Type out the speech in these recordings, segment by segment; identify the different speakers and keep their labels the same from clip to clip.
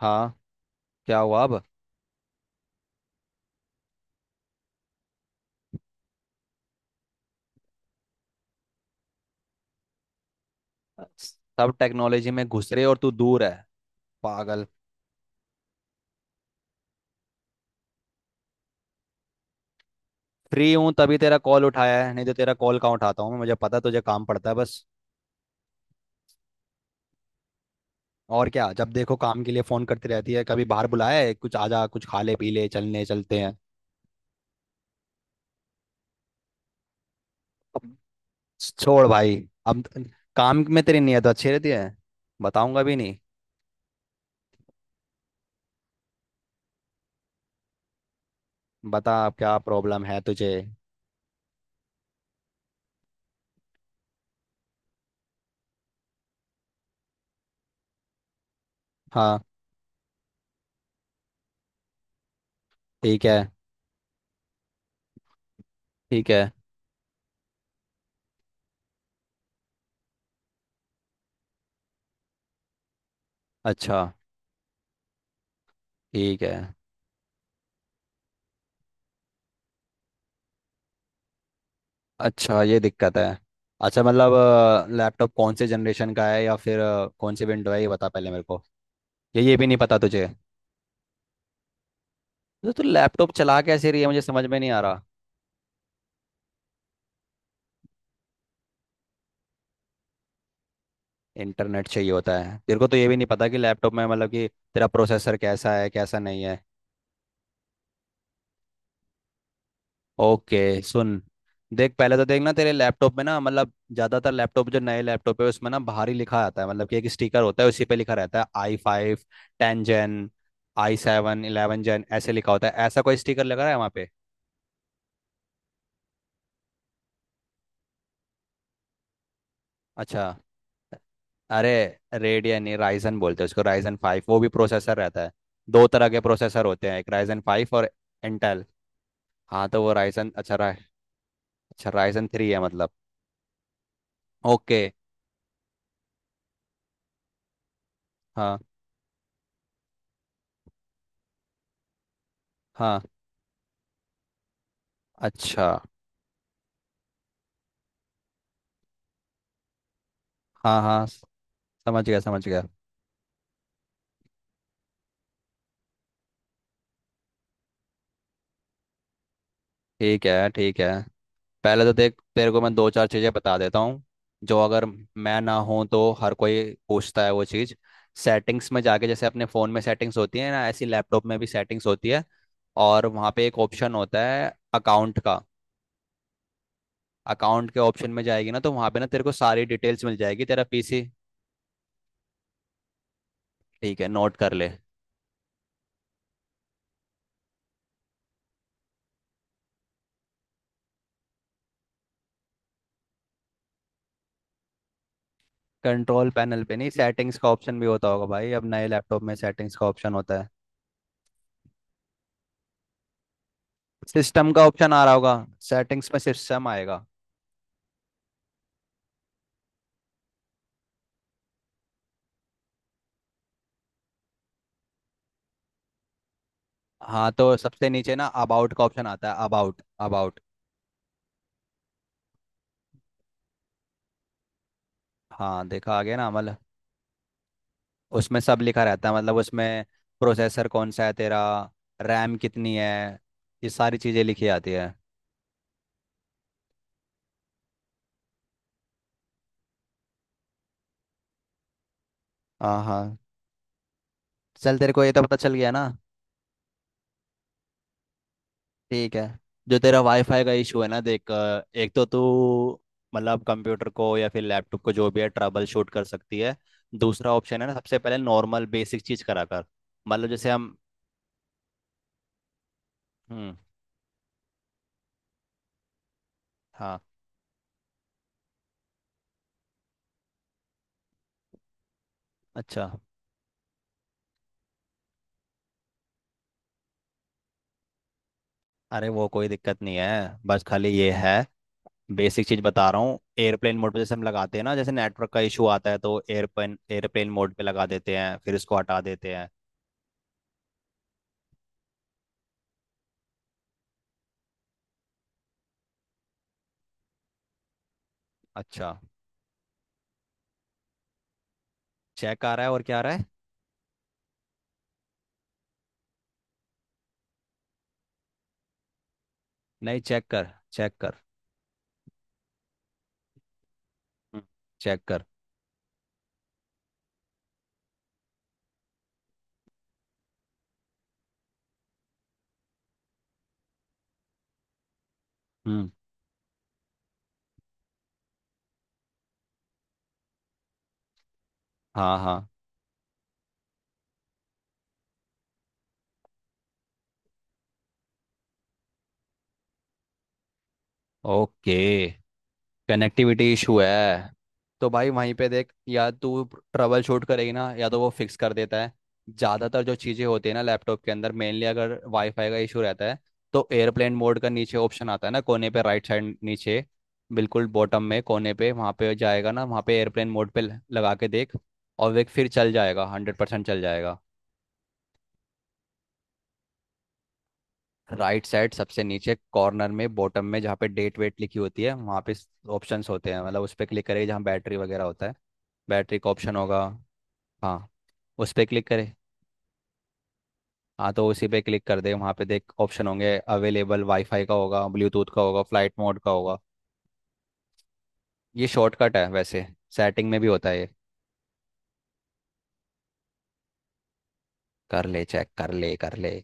Speaker 1: हाँ। क्या हुआ अब। सब टेक्नोलॉजी में घुस रहे और तू दूर है, पागल। फ्री हूँ तभी तेरा कॉल उठाया है, नहीं तो तेरा कॉल कहाँ उठाता हूँ मैं। मुझे पता है तुझे काम पड़ता है बस। और क्या, जब देखो काम के लिए फोन करती रहती है। कभी बाहर बुलाया है, कुछ आजा, कुछ खा ले, पी ले, चलने चलते हैं। अब छोड़ भाई। अब काम में तेरी नियत अच्छी रहती है। बताऊंगा भी नहीं। बता अब क्या प्रॉब्लम है तुझे। हाँ। ठीक है। ठीक है। अच्छा। ठीक है। अच्छा, ये दिक्कत है। अच्छा मतलब। लैपटॉप कौन से जनरेशन का है या फिर कौन सी विंडो है ये बता पहले मेरे को। ये भी नहीं पता तुझे। तो तू लैपटॉप चला कैसे रही है, मुझे समझ में नहीं आ रहा। इंटरनेट चाहिए होता है तेरे को, तो ये भी नहीं पता कि लैपटॉप में मतलब कि तेरा प्रोसेसर कैसा है, कैसा नहीं है। ओके सुन। देख पहले तो देखना तेरे लैपटॉप में ना, मतलब ज्यादातर लैपटॉप जो नए लैपटॉप है उसमें ना बाहर ही लिखा आता है। मतलब कि एक स्टिकर होता है, उसी पे लिखा रहता है I five ten gen, I seven eleven gen, ऐसे लिखा होता है। ऐसा कोई स्टिकर लगा है वहाँ पे। अच्छा। अरे रेडियन नहीं, राइजन बोलते हैं उसको। राइजन फाइव वो भी प्रोसेसर रहता है। दो तरह के प्रोसेसर होते हैं, एक राइजन फाइव और इंटेल। हाँ तो वो राइजन अच्छा अच्छा राइजन थ्री है मतलब। ओके। हाँ। हाँ। अच्छा। हाँ हाँ, समझ गया समझ गया। ठीक है। ठीक है। पहले तो देख तेरे को मैं दो चार चीज़ें बता देता हूँ, जो अगर मैं ना हूँ तो हर कोई पूछता है वो चीज़। सेटिंग्स में जाके, जैसे अपने फ़ोन में सेटिंग्स होती है ना, ऐसी लैपटॉप में भी सेटिंग्स होती है। और वहाँ पे एक ऑप्शन होता है अकाउंट का। अकाउंट के ऑप्शन में जाएगी ना तो वहाँ पे ना तेरे को सारी डिटेल्स मिल जाएगी, तेरा पीसी। ठीक है, नोट कर ले। कंट्रोल पैनल पे नहीं, सेटिंग्स का ऑप्शन भी होता होगा भाई, अब नए लैपटॉप में सेटिंग्स का ऑप्शन होता है। सिस्टम का ऑप्शन आ रहा होगा। सेटिंग्स में सिस्टम आएगा। हाँ, तो सबसे नीचे ना अबाउट का ऑप्शन आता है, अबाउट अबाउट। हाँ देखा, आ गया ना मतलब। उसमें सब लिखा रहता है, मतलब उसमें प्रोसेसर कौन सा है तेरा, रैम कितनी है, ये सारी चीज़ें लिखी आती है। हाँ हाँ। चल, तेरे को ये तो पता चल गया ना। ठीक है। जो तेरा वाईफाई का इशू है ना, देख, एक तो तू मतलब कंप्यूटर को या फिर लैपटॉप को, जो भी है, ट्रबल शूट कर सकती है। दूसरा ऑप्शन है ना, सबसे पहले नॉर्मल बेसिक चीज़ करा कर। मतलब जैसे हम। हम्म। हाँ। अच्छा। अरे वो कोई दिक्कत नहीं है, बस खाली ये है। बेसिक चीज बता रहा हूँ, एयरप्लेन मोड पे जैसे हम लगाते हैं ना, जैसे नेटवर्क का इशू आता है तो एयरप्लेन एयरप्लेन मोड पे लगा देते हैं, फिर इसको हटा देते हैं। अच्छा। चेक आ रहा है, और क्या आ रहा है। नहीं चेक कर, चेक कर, चेक कर। हम्म। हाँ हाँ। ओके, कनेक्टिविटी इशू है। तो भाई वहीं पे देख, या तू ट्रबल शूट करेगी ना, या तो वो फिक्स कर देता है। ज़्यादातर जो चीज़ें होती है ना लैपटॉप के अंदर, मेनली अगर वाईफाई का इशू रहता है, तो एयरप्लेन मोड का नीचे ऑप्शन आता है ना, कोने पे राइट साइड नीचे, बिल्कुल बॉटम में कोने पे, वहाँ पे जाएगा ना, वहाँ पे एयरप्लेन मोड पे लगा के देख। और वे फिर चल जाएगा, हंड्रेड परसेंट चल जाएगा। राइट साइड सबसे नीचे कॉर्नर में, बॉटम में जहाँ पे डेट वेट लिखी होती है वहाँ पे ऑप्शंस होते हैं। मतलब उस पर क्लिक करें जहाँ बैटरी वगैरह होता है। बैटरी का ऑप्शन होगा। हाँ। उस पर क्लिक करें। हाँ तो उसी पे क्लिक कर दे, वहाँ पे देख ऑप्शन होंगे अवेलेबल, वाईफाई का होगा, ब्लूटूथ का होगा, फ्लाइट मोड का होगा। ये शॉर्टकट है वैसे, सेटिंग में भी होता है ये। कर ले, चेक कर ले, कर ले।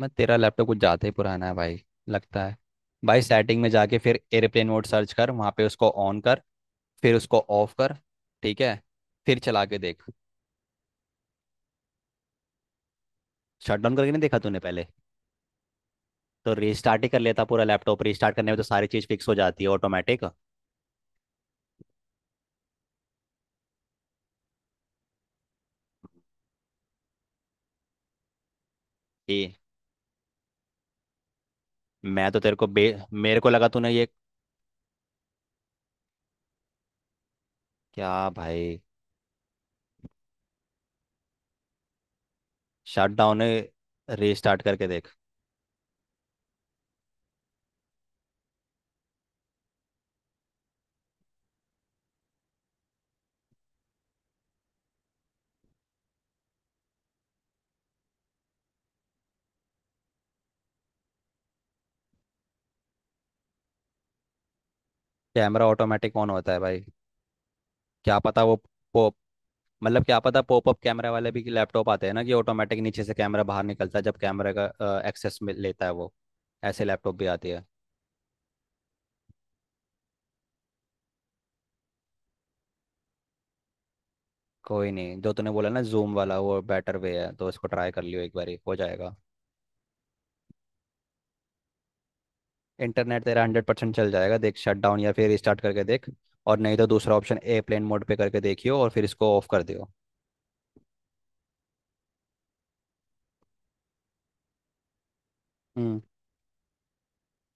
Speaker 1: मैं तेरा लैपटॉप कुछ ज़्यादा ही पुराना है भाई लगता है। भाई सेटिंग में जाके फिर एयरप्लेन मोड सर्च कर, वहाँ पे उसको ऑन कर, फिर उसको ऑफ कर। ठीक है। फिर चला के देख। शट डाउन करके नहीं देखा तूने पहले। तो रीस्टार्ट ही कर लेता, पूरा लैपटॉप रीस्टार्ट करने में तो सारी चीज़ फिक्स हो जाती है ऑटोमेटिक। ये मैं तो तेरे को बे, मेरे को लगा तूने ये। क्या भाई। Shut down. रीस्टार्ट करके देख। कैमरा ऑटोमेटिक ऑन होता है भाई। क्या पता वो पॉप, मतलब क्या पता, पॉपअप कैमरा वाले भी लैपटॉप आते हैं ना कि ऑटोमेटिक नीचे से कैमरा बाहर निकलता है जब कैमरे का एक्सेस लेता है वो। ऐसे लैपटॉप भी आती है। कोई नहीं, जो तूने बोला ना जूम वाला, वो बेटर वे है, तो इसको ट्राई कर लियो, एक बार हो जाएगा। इंटरनेट तेरा हंड्रेड परसेंट चल जाएगा, देख शट डाउन या फिर रिस्टार्ट करके देख। और नहीं तो दूसरा ऑप्शन, एयरप्लेन मोड पे करके देखियो, और फिर इसको ऑफ कर दियो। हम्म।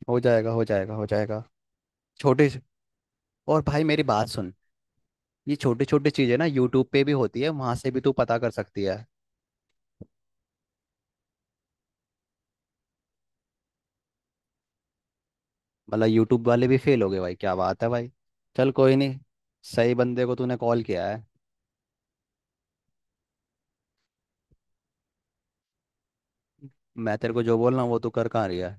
Speaker 1: हो जाएगा, हो जाएगा, हो जाएगा। छोटे से- और भाई मेरी बात सुन, ये छोटी छोटी चीजें ना यूट्यूब पे भी होती है, वहां से भी तू पता कर सकती है। मतलब यूट्यूब वाले भी फेल हो गए भाई, क्या बात है भाई। चल, कोई नहीं, सही बंदे को तूने कॉल किया है। मैं तेरे को जो बोल रहा हूँ वो तू कर कहाँ रही है।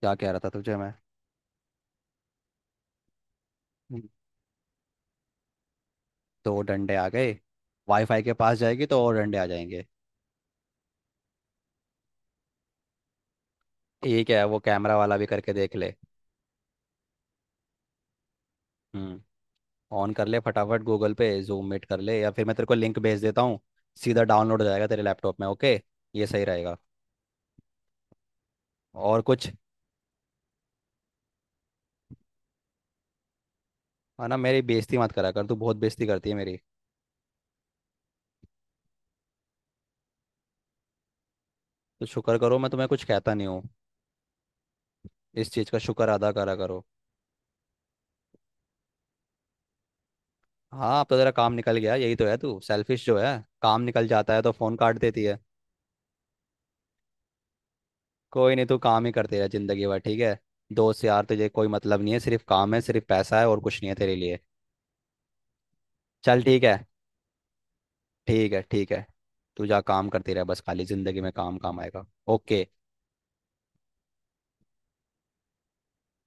Speaker 1: क्या कह रहा था तुझे मैं। दो डंडे आ गए, वाईफाई के पास जाएगी तो और डंडे आ जाएंगे। ये क्या है, वो कैमरा वाला भी करके देख ले। हम्म। ऑन कर ले फटाफट, गूगल पे जूम मीट कर ले, या फिर मैं तेरे को लिंक भेज देता हूँ, सीधा डाउनलोड हो जाएगा तेरे लैपटॉप में, ओके। ये सही रहेगा। और कुछ। है ना, मेरी बेइज्जती मत करा कर, तू बहुत बेइज्जती करती है मेरी। तो शुक्र करो मैं तुम्हें कुछ कहता नहीं हूँ, इस चीज़ का शुक्र अदा करा करो। हाँ अब तो तेरा काम निकल गया, यही तो है, तू सेल्फिश जो है। काम निकल जाता है तो फ़ोन काट देती है। कोई नहीं, तू काम ही करते रह जिंदगी भर, ठीक है। दोस्त यार तुझे कोई मतलब नहीं है, सिर्फ काम है, सिर्फ पैसा है, और कुछ नहीं है तेरे लिए। चल ठीक है। ठीक है ठीक है। तू जा काम करती रह, बस खाली जिंदगी में काम काम आएगा। ओके।